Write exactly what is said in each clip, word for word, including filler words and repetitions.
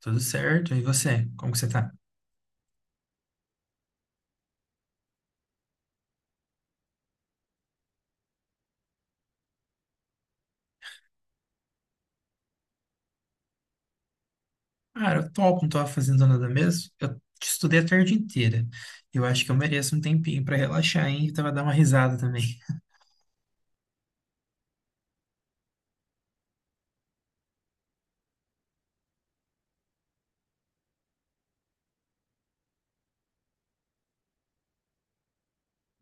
Tudo certo? E você? Como que você tá? Cara, eu topo, não tava fazendo nada mesmo. Eu estudei a tarde inteira. Eu acho que eu mereço um tempinho pra relaxar, hein? E tava dar uma risada também.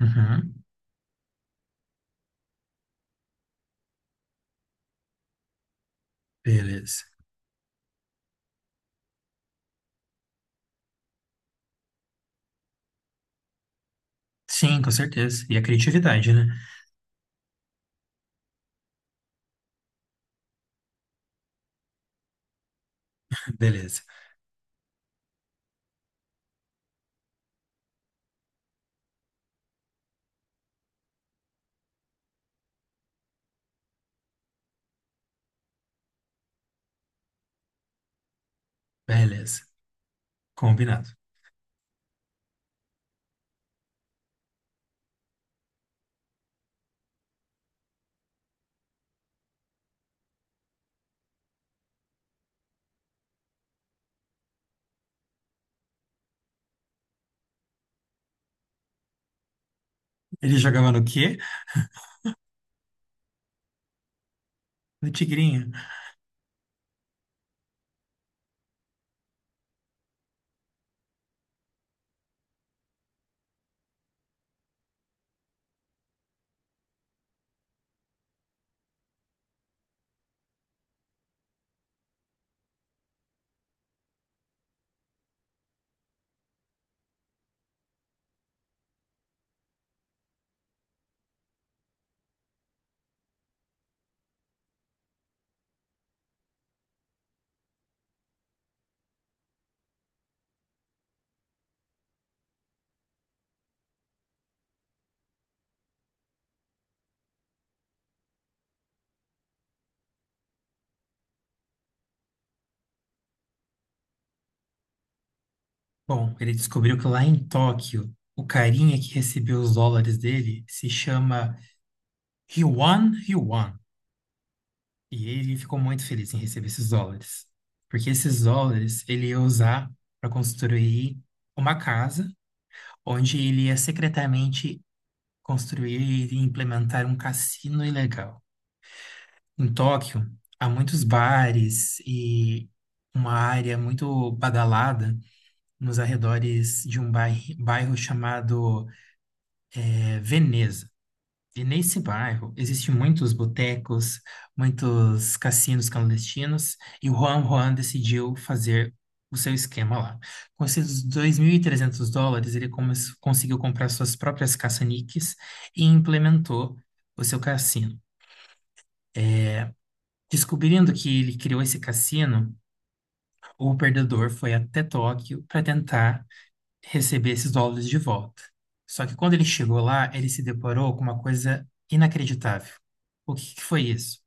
Uhum, beleza. Sim, com certeza. E a criatividade, né? Beleza, beleza. Combinado. Ele jogava no quê? No Tigrinho. Bom, ele descobriu que lá em Tóquio, o carinha que recebeu os dólares dele se chama Ryuan Yuan. E ele ficou muito feliz em receber esses dólares, porque esses dólares ele ia usar para construir uma casa onde ele ia secretamente construir e implementar um cassino ilegal. Em Tóquio, há muitos bares e uma área muito badalada nos arredores de um bairro, bairro chamado eh, Veneza. E nesse bairro existem muitos botecos, muitos cassinos clandestinos, e o Juan Juan decidiu fazer o seu esquema lá. Com esses dois mil e trezentos dólares, ele come- conseguiu comprar suas próprias caça-níqueis e implementou o seu cassino. Descobrindo que ele criou esse cassino, o perdedor foi até Tóquio para tentar receber esses dólares de volta. Só que quando ele chegou lá, ele se deparou com uma coisa inacreditável. O que que foi isso?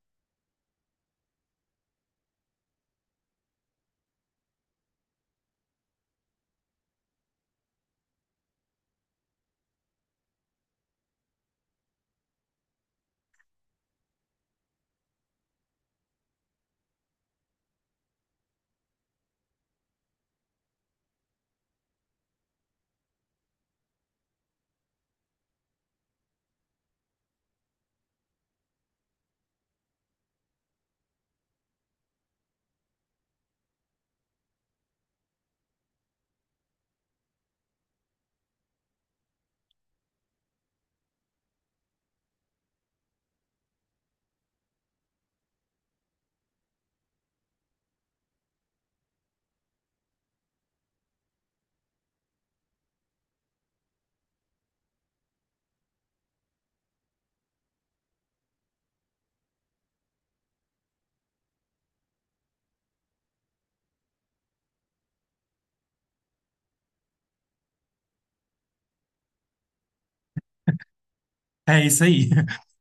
É isso aí.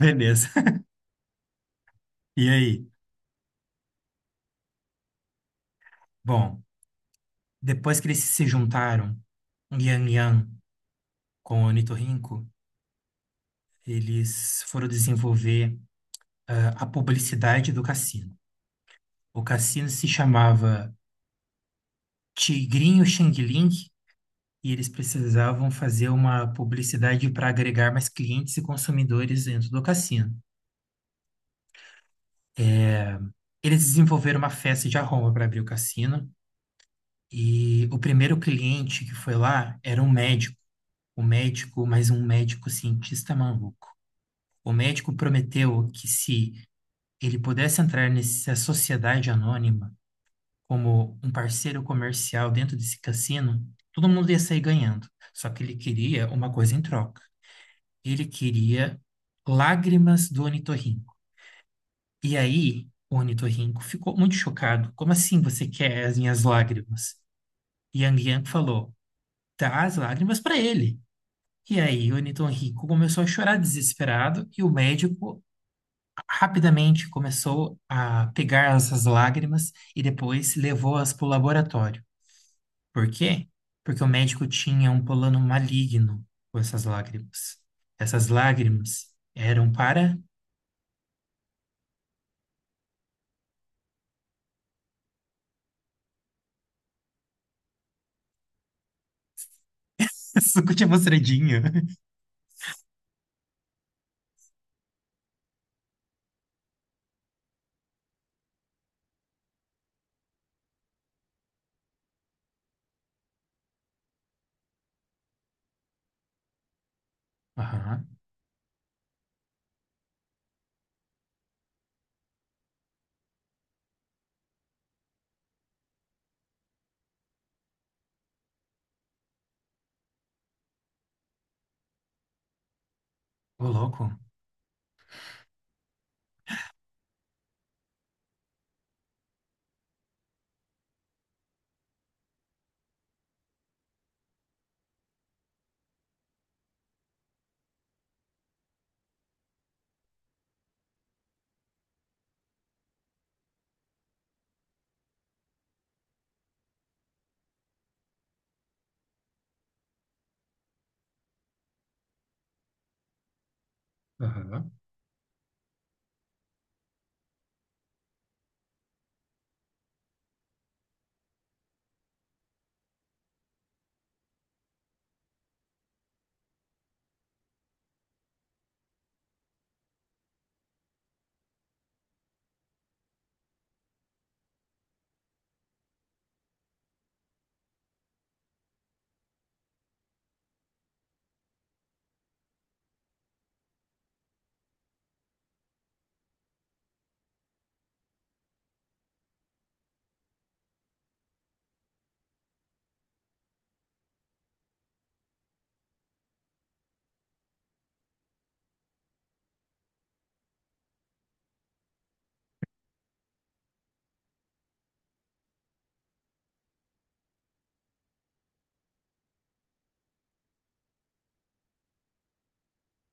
Beleza. E aí? Bom, depois que eles se juntaram, Yang Yang com o Onitorrinco, eles foram desenvolver ah, a publicidade do cassino. O cassino se chamava Tigrinho Xing Ling e eles precisavam fazer uma publicidade para agregar mais clientes e consumidores dentro do cassino. Eles desenvolveram uma festa de arromba para abrir o cassino e o primeiro cliente que foi lá era um médico O médico, mas um médico cientista maluco. O médico prometeu que se ele pudesse entrar nessa sociedade anônima como um parceiro comercial dentro desse cassino, todo mundo ia sair ganhando. Só que ele queria uma coisa em troca. Ele queria lágrimas do ornitorrinco. E aí, o ornitorrinco ficou muito chocado. Como assim você quer as minhas lágrimas? E Yang Yang falou: dá as lágrimas para ele. E aí, o ornitorrinco começou a chorar desesperado e o médico rapidamente começou a pegar essas lágrimas e depois levou-as para o laboratório. Por quê? Porque o médico tinha um plano maligno com essas lágrimas. Essas lágrimas eram para suco de mostradinha. Aham, ô louco. Aham.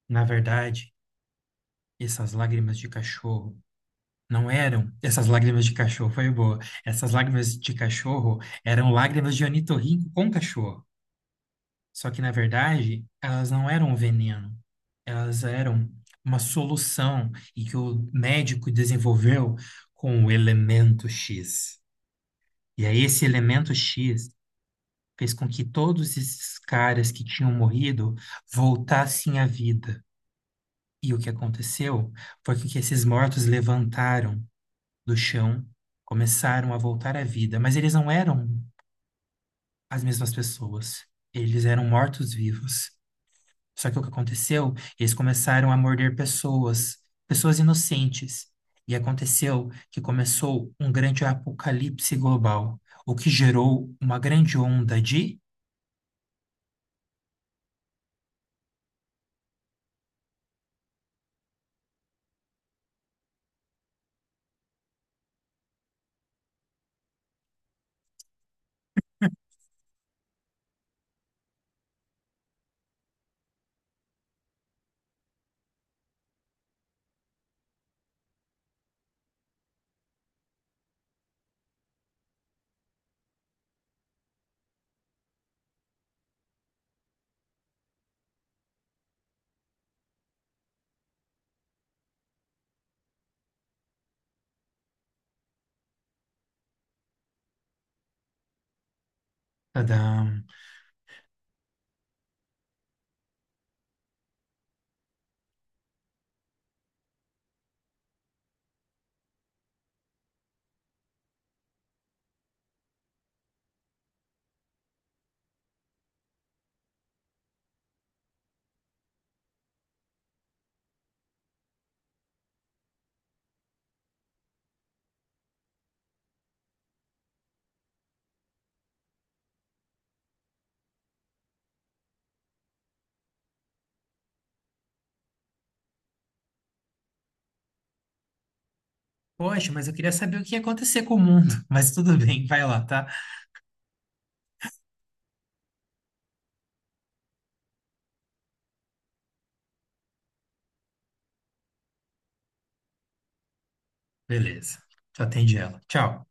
Na verdade, essas lágrimas de cachorro não eram essas lágrimas de cachorro, foi boa. Essas lágrimas de cachorro eram lágrimas de ornitorrinco com cachorro. Só que, na verdade, elas não eram um veneno, elas eram uma solução e que o médico desenvolveu com o elemento X. E aí, esse elemento X fez com que todos esses caras que tinham morrido voltassem à vida. E o que aconteceu foi que esses mortos levantaram do chão, começaram a voltar à vida, mas eles não eram as mesmas pessoas. Eles eram mortos-vivos. Só que o que aconteceu? Eles começaram a morder pessoas, pessoas inocentes. E aconteceu que começou um grande apocalipse global, o que gerou uma grande onda de. Tadam. Poxa, mas eu queria saber o que ia acontecer com o mundo. Mas tudo bem, vai lá, tá? Beleza. Tu Atende ela. Tchau.